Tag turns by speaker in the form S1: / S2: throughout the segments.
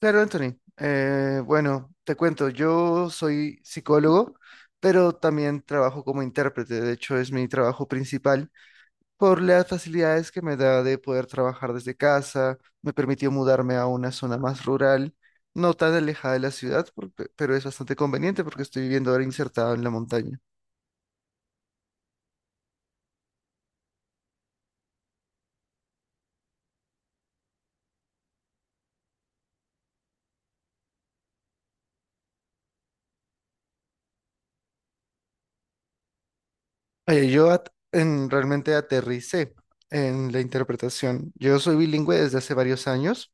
S1: Claro, Anthony. Bueno, te cuento, yo soy psicólogo, pero también trabajo como intérprete. De hecho, es mi trabajo principal por las facilidades que me da de poder trabajar desde casa. Me permitió mudarme a una zona más rural, no tan alejada de la ciudad, pero es bastante conveniente porque estoy viviendo ahora insertado en la montaña. Oye, yo realmente aterricé en la interpretación. Yo soy bilingüe desde hace varios años,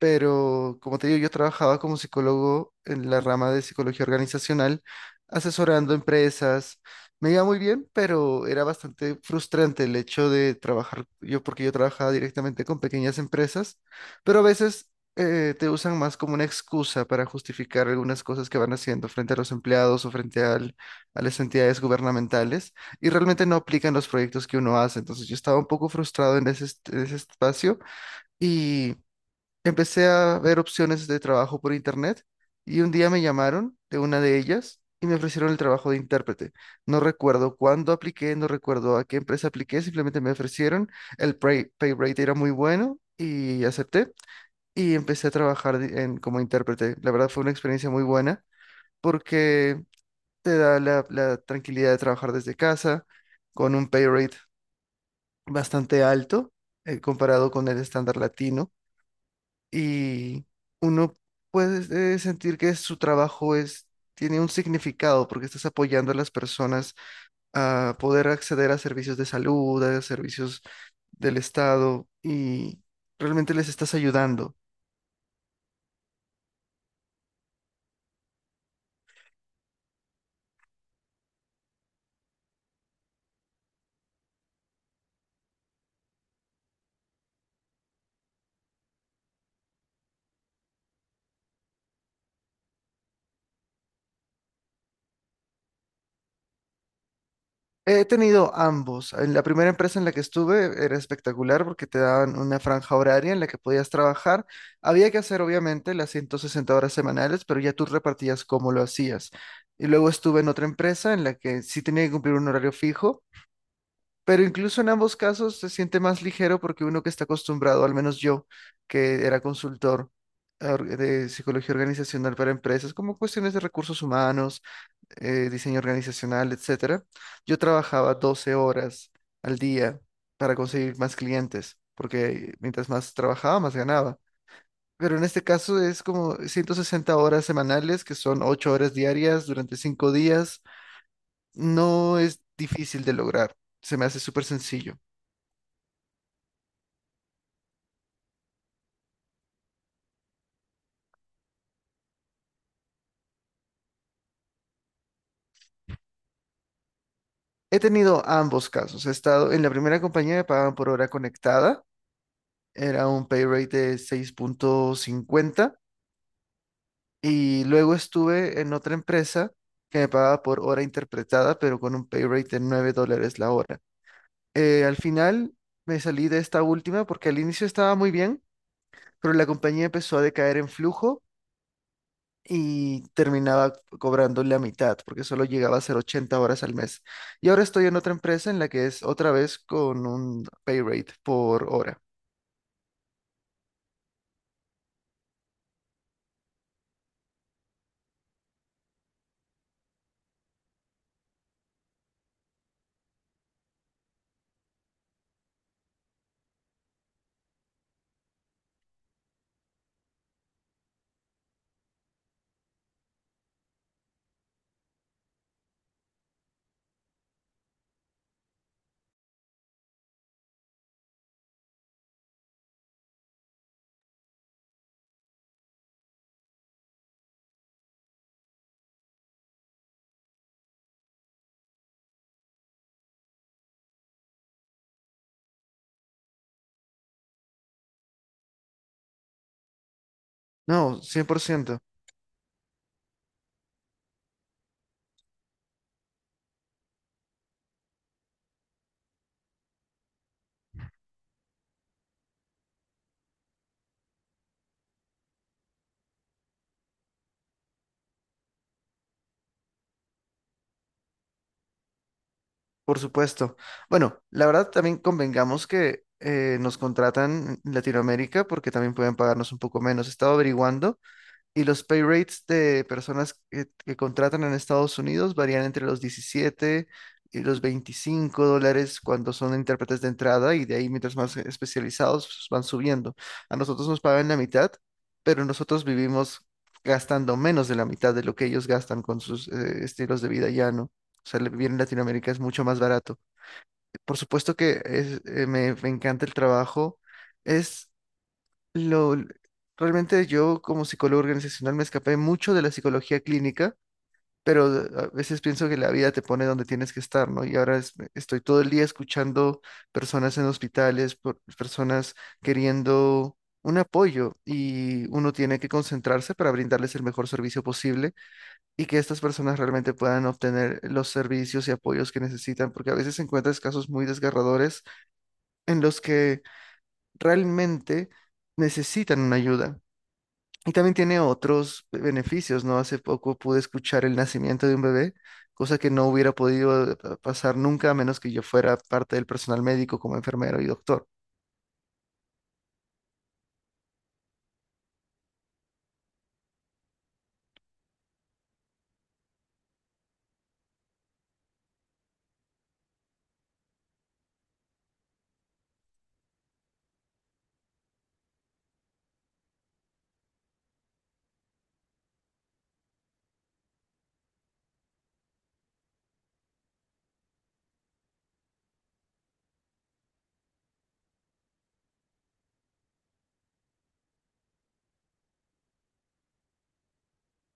S1: pero como te digo, yo trabajaba como psicólogo en la rama de psicología organizacional, asesorando empresas. Me iba muy bien, pero era bastante frustrante el hecho de trabajar yo, porque yo trabajaba directamente con pequeñas empresas, pero a veces te usan más como una excusa para justificar algunas cosas que van haciendo frente a los empleados o frente al- a las entidades gubernamentales y realmente no aplican los proyectos que uno hace. Entonces yo estaba un poco frustrado en en ese espacio. Y empecé a ver opciones de trabajo por internet y un día me llamaron de una de ellas y me ofrecieron el trabajo de intérprete. No recuerdo cuándo apliqué, no recuerdo a qué empresa apliqué, simplemente me ofrecieron, el pay rate era muy bueno y acepté y empecé a trabajar como intérprete. La verdad fue una experiencia muy buena porque te da la tranquilidad de trabajar desde casa con un pay rate bastante alto comparado con el estándar latino y uno puede sentir que su trabajo es, tiene un significado porque estás apoyando a las personas a poder acceder a servicios de salud, a servicios del Estado y realmente les estás ayudando. He tenido ambos. En la primera empresa en la que estuve era espectacular porque te daban una franja horaria en la que podías trabajar. Había que hacer obviamente las 160 horas semanales, pero ya tú repartías cómo lo hacías. Y luego estuve en otra empresa en la que sí tenía que cumplir un horario fijo, pero incluso en ambos casos se siente más ligero porque uno que está acostumbrado, al menos yo, que era consultor de psicología organizacional para empresas, como cuestiones de recursos humanos, diseño organizacional, etcétera, yo trabajaba 12 horas al día para conseguir más clientes, porque mientras más trabajaba, más ganaba. Pero en este caso es como 160 horas semanales, que son 8 horas diarias durante 5 días. No es difícil de lograr, se me hace súper sencillo. He tenido ambos casos. He estado en la primera compañía me pagaban por hora conectada, era un pay rate de 6.50. Y luego estuve en otra empresa que me pagaba por hora interpretada, pero con un pay rate de $9 la hora. Al final me salí de esta última porque al inicio estaba muy bien, pero la compañía empezó a decaer en flujo y terminaba cobrando la mitad porque solo llegaba a ser 80 horas al mes. Y ahora estoy en otra empresa en la que es otra vez con un pay rate por hora. No, 100%. Por supuesto. Bueno, la verdad también convengamos que nos contratan en Latinoamérica porque también pueden pagarnos un poco menos. He estado averiguando y los pay rates de personas que contratan en Estados Unidos varían entre los 17 y los $25 cuando son intérpretes de entrada y de ahí mientras más especializados pues, van subiendo. A nosotros nos pagan la mitad, pero nosotros vivimos gastando menos de la mitad de lo que ellos gastan con sus estilos de vida llano. O sea, el vivir en Latinoamérica es mucho más barato. Por supuesto que me encanta el trabajo. Es lo, realmente yo como psicólogo organizacional me escapé mucho de la psicología clínica, pero a veces pienso que la vida te pone donde tienes que estar, ¿no? Y ahora estoy todo el día escuchando personas en hospitales, personas queriendo un apoyo y uno tiene que concentrarse para brindarles el mejor servicio posible y que estas personas realmente puedan obtener los servicios y apoyos que necesitan, porque a veces encuentras casos muy desgarradores en los que realmente necesitan una ayuda. Y también tiene otros beneficios, ¿no? Hace poco pude escuchar el nacimiento de un bebé, cosa que no hubiera podido pasar nunca a menos que yo fuera parte del personal médico como enfermero y doctor.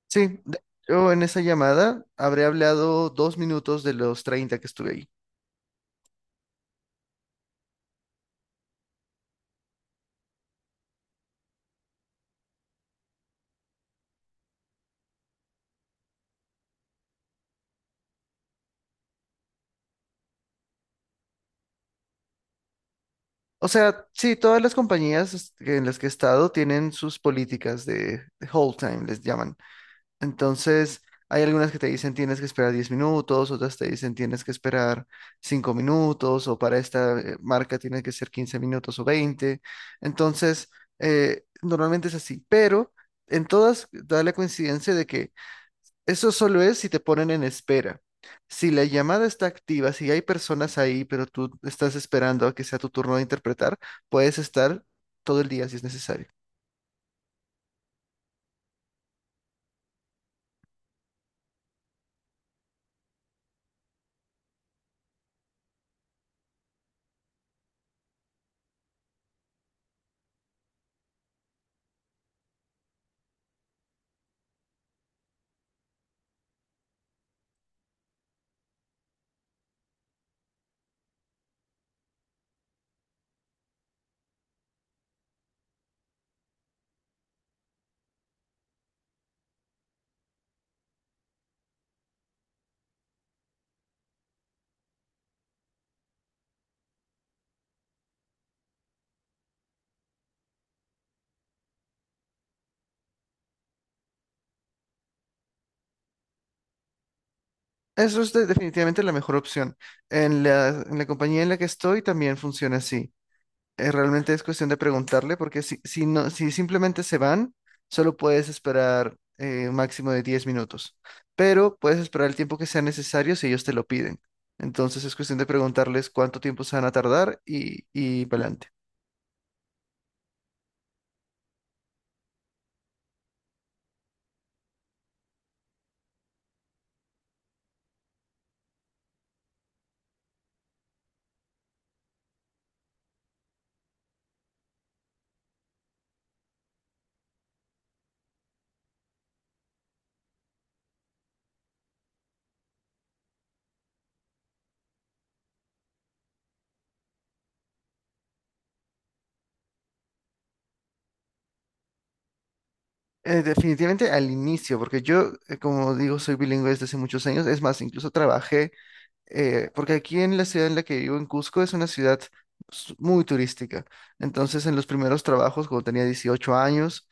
S1: Sí, yo en esa llamada habré hablado 2 minutos de los 30 que estuve ahí. O sea, sí, todas las en las que he estado tienen sus políticas de hold time, les llaman. Entonces, hay algunas que te dicen tienes que esperar 10 minutos, otras te dicen tienes que esperar 5 minutos, o para esta marca tiene que ser 15 minutos o 20. Entonces, normalmente es así, pero en todas da la coincidencia de que eso solo es si te ponen en espera. Si la llamada está activa, si hay personas ahí, pero tú estás esperando a que sea tu turno de interpretar, puedes estar todo el día si es necesario. Eso es definitivamente la mejor opción. En en la compañía en la que estoy también funciona así. Realmente es cuestión de preguntarle porque no, si simplemente se van, solo puedes esperar un máximo de 10 minutos, pero puedes esperar el tiempo que sea necesario si ellos te lo piden. Entonces es cuestión de preguntarles cuánto tiempo se van a tardar y para adelante. Definitivamente al inicio, porque yo, como digo, soy bilingüe desde hace muchos años. Es más, incluso trabajé porque aquí en la ciudad en la que vivo, en Cusco, es una ciudad muy turística. Entonces, en los primeros trabajos, cuando tenía 18 años,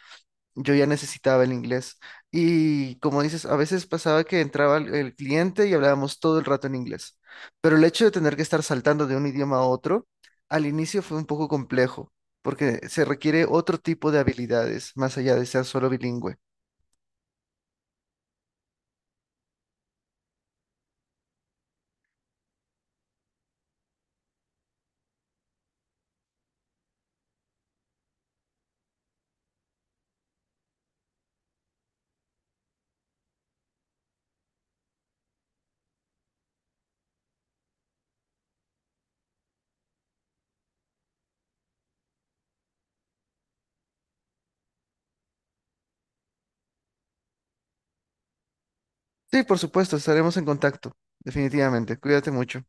S1: yo ya necesitaba el inglés. Y como dices, a veces pasaba que entraba el cliente y hablábamos todo el rato en inglés. Pero el hecho de tener que estar saltando de un idioma a otro, al inicio fue un poco complejo, porque se requiere otro tipo de habilidades, más allá de ser solo bilingüe. Sí, por supuesto, estaremos en contacto, definitivamente. Cuídate mucho.